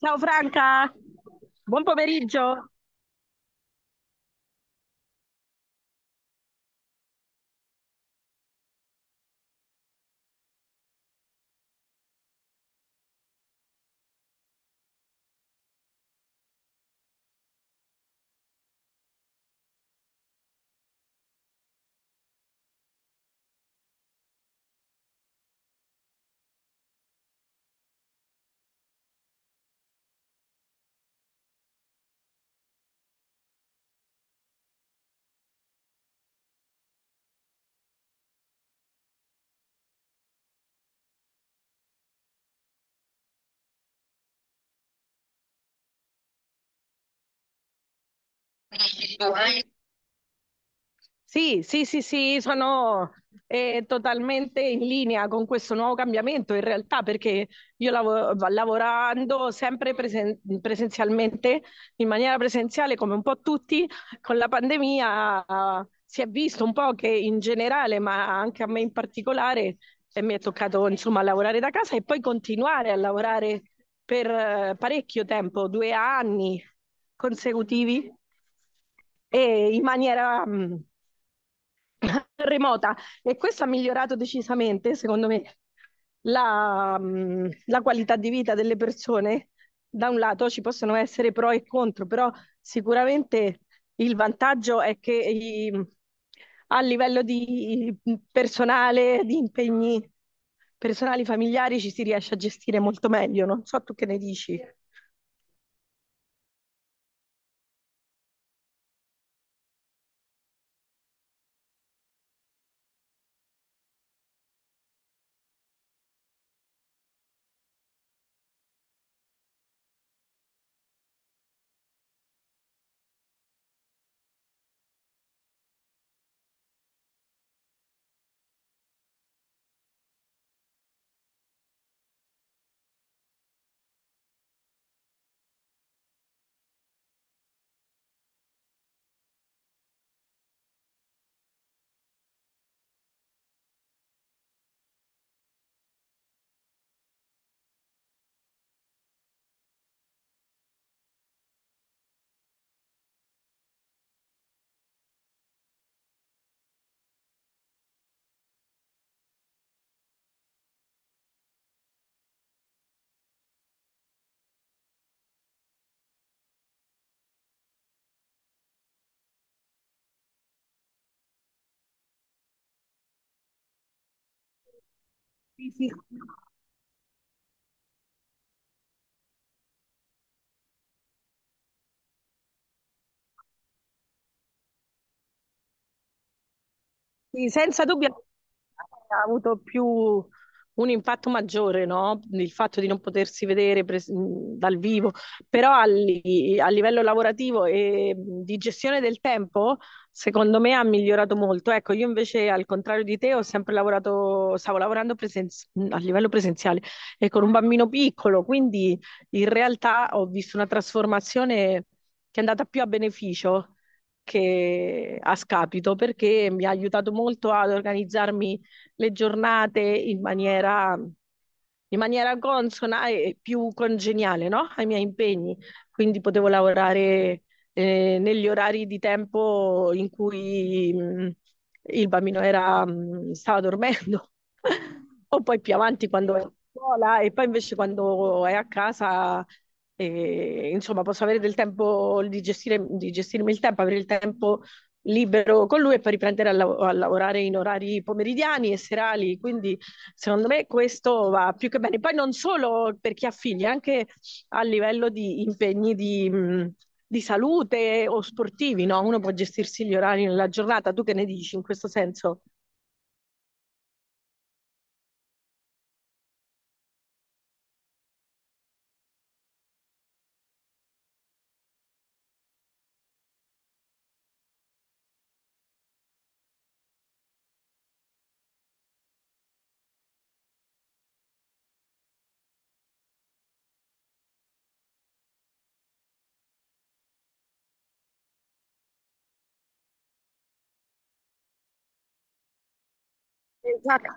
Ciao Franca, buon pomeriggio. Sì, sì, sì, sì, sono totalmente in linea con questo nuovo cambiamento in realtà perché io lavorando sempre presenzialmente, in maniera presenziale come un po' tutti, con la pandemia si è visto un po' che in generale, ma anche a me in particolare, mi è toccato insomma lavorare da casa e poi continuare a lavorare per parecchio tempo, due anni consecutivi e in maniera. Remota, e questo ha migliorato decisamente, secondo me, la qualità di vita delle persone. Da un lato ci possono essere pro e contro, però sicuramente il vantaggio è che a livello di personale, di impegni personali familiari ci si riesce a gestire molto meglio. Non so tu che ne dici. Sì, sì. Sì, senza dubbio ha avuto più un impatto maggiore, no? Il fatto di non potersi vedere dal vivo, però a livello lavorativo e di gestione del tempo, secondo me ha migliorato molto. Ecco, io invece, al contrario di te, ho sempre lavorato, stavo lavorando a livello presenziale e con un bambino piccolo, quindi in realtà ho visto una trasformazione che è andata più a beneficio che a scapito perché mi ha aiutato molto ad organizzarmi le giornate in maniera consona e più congeniale, no? Ai miei impegni. Quindi potevo lavorare negli orari di tempo in cui il bambino stava dormendo, o poi più avanti quando è a scuola, e poi invece quando è a casa e, insomma, posso avere del tempo di gestire, di gestirmi il tempo, avere il tempo libero con lui e poi riprendere a lavorare in orari pomeridiani e serali. Quindi, secondo me, questo va più che bene. Poi non solo per chi ha figli, anche a livello di impegni di di salute o sportivi, no? Uno può gestirsi gli orari nella giornata. Tu che ne dici in questo senso? Esatto.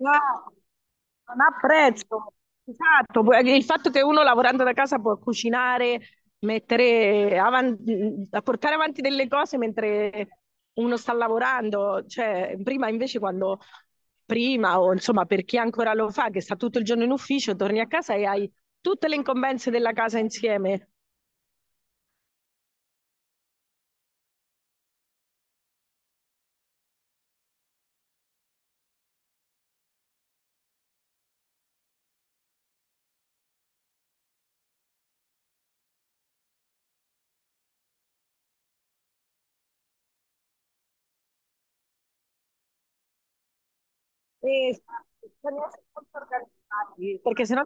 No, non apprezzo. Esatto, poi il fatto che uno lavorando da casa può cucinare, mettere avanti, portare avanti delle cose mentre uno sta lavorando, cioè prima invece quando prima o insomma per chi ancora lo fa che sta tutto il giorno in ufficio, torni a casa e hai tutte le incombenze della casa insieme. E bisogna essere molto organizzati, perché sennò...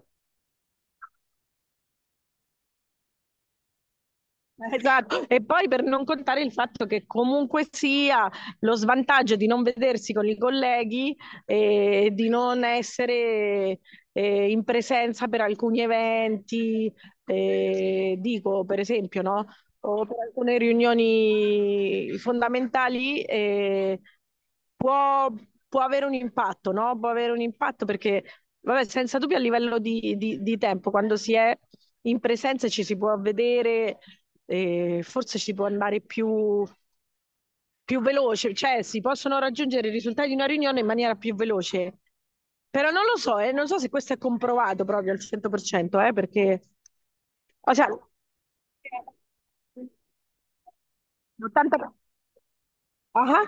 Esatto, e poi per non contare il fatto che comunque sia lo svantaggio di non vedersi con i colleghi e di non essere in presenza per alcuni eventi, dico per esempio, no? O per alcune riunioni fondamentali, può, può avere un impatto, no? Può avere un impatto perché, vabbè, senza dubbio a livello di tempo, quando si è in presenza e ci si può vedere e forse ci può andare più veloce, cioè si possono raggiungere i risultati di una riunione in maniera più veloce. Però non lo so, non so se questo è comprovato proprio al 100%, perché o sea, l'80... Ah,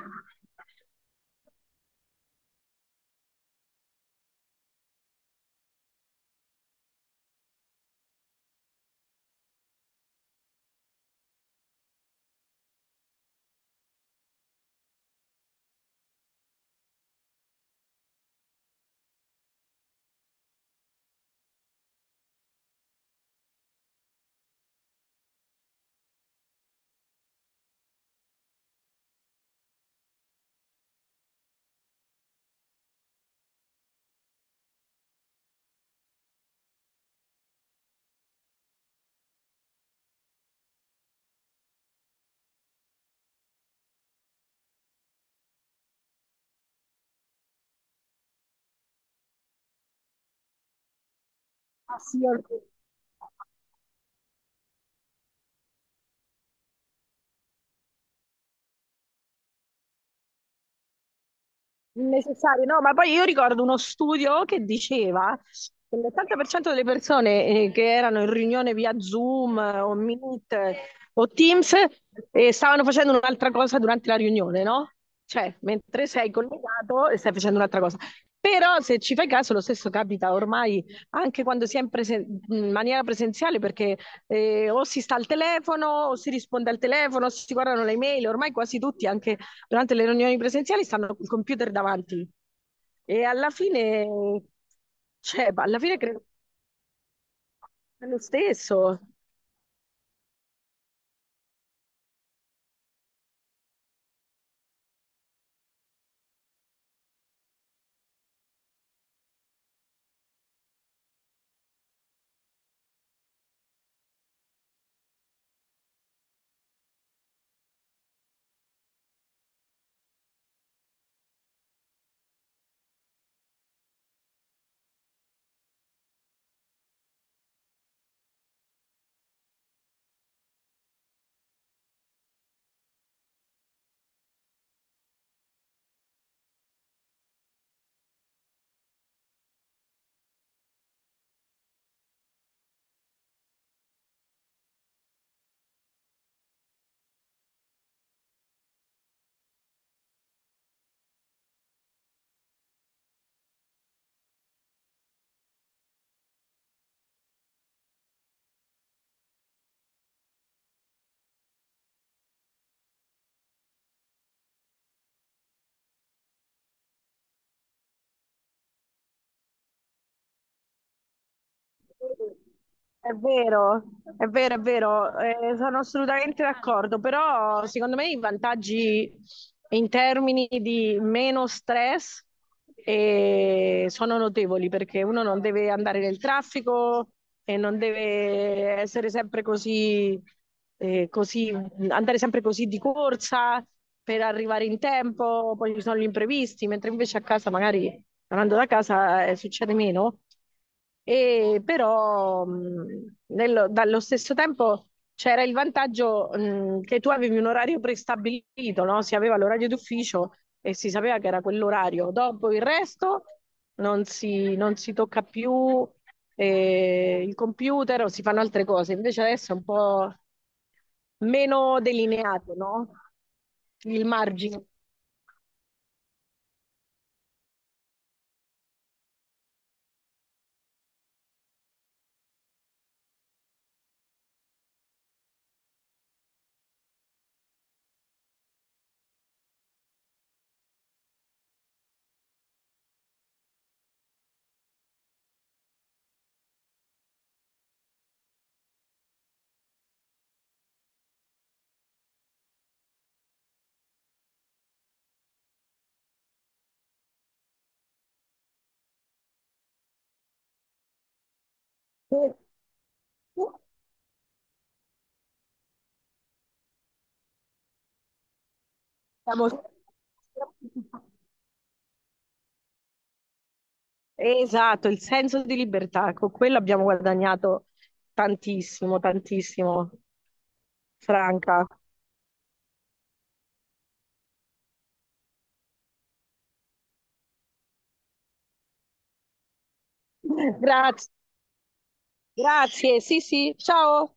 ah, sì, necessario, no, ma poi io ricordo uno studio che diceva che l'80% delle persone che erano in riunione via Zoom o Meet o Teams stavano facendo un'altra cosa durante la riunione, no? Cioè, mentre sei collegato e stai facendo un'altra cosa. Però se ci fai caso, lo stesso capita ormai anche quando si è in maniera presenziale, perché o si sta al telefono, o si risponde al telefono, o si guardano le email, ormai quasi tutti, anche durante le riunioni presenziali stanno col computer davanti e alla fine, cioè, alla fine credo che sia lo stesso. È vero, è vero, è vero, sono assolutamente d'accordo, però secondo me i vantaggi in termini di meno stress sono notevoli perché uno non deve andare nel traffico e non deve essere sempre così, andare sempre così di corsa per arrivare in tempo, poi ci sono gli imprevisti, mentre invece a casa magari tornando da casa succede meno, e però dallo stesso tempo c'era il vantaggio che tu avevi un orario prestabilito, no? Si aveva l'orario d'ufficio e si sapeva che era quell'orario. Dopo il resto non si, non si tocca più il computer o si fanno altre cose. Invece adesso è un po' meno delineato, no? Il margine. Siamo... Esatto, il senso di libertà, con quello abbiamo guadagnato tantissimo, tantissimo, Franca. Grazie, grazie, sì, sì, ciao.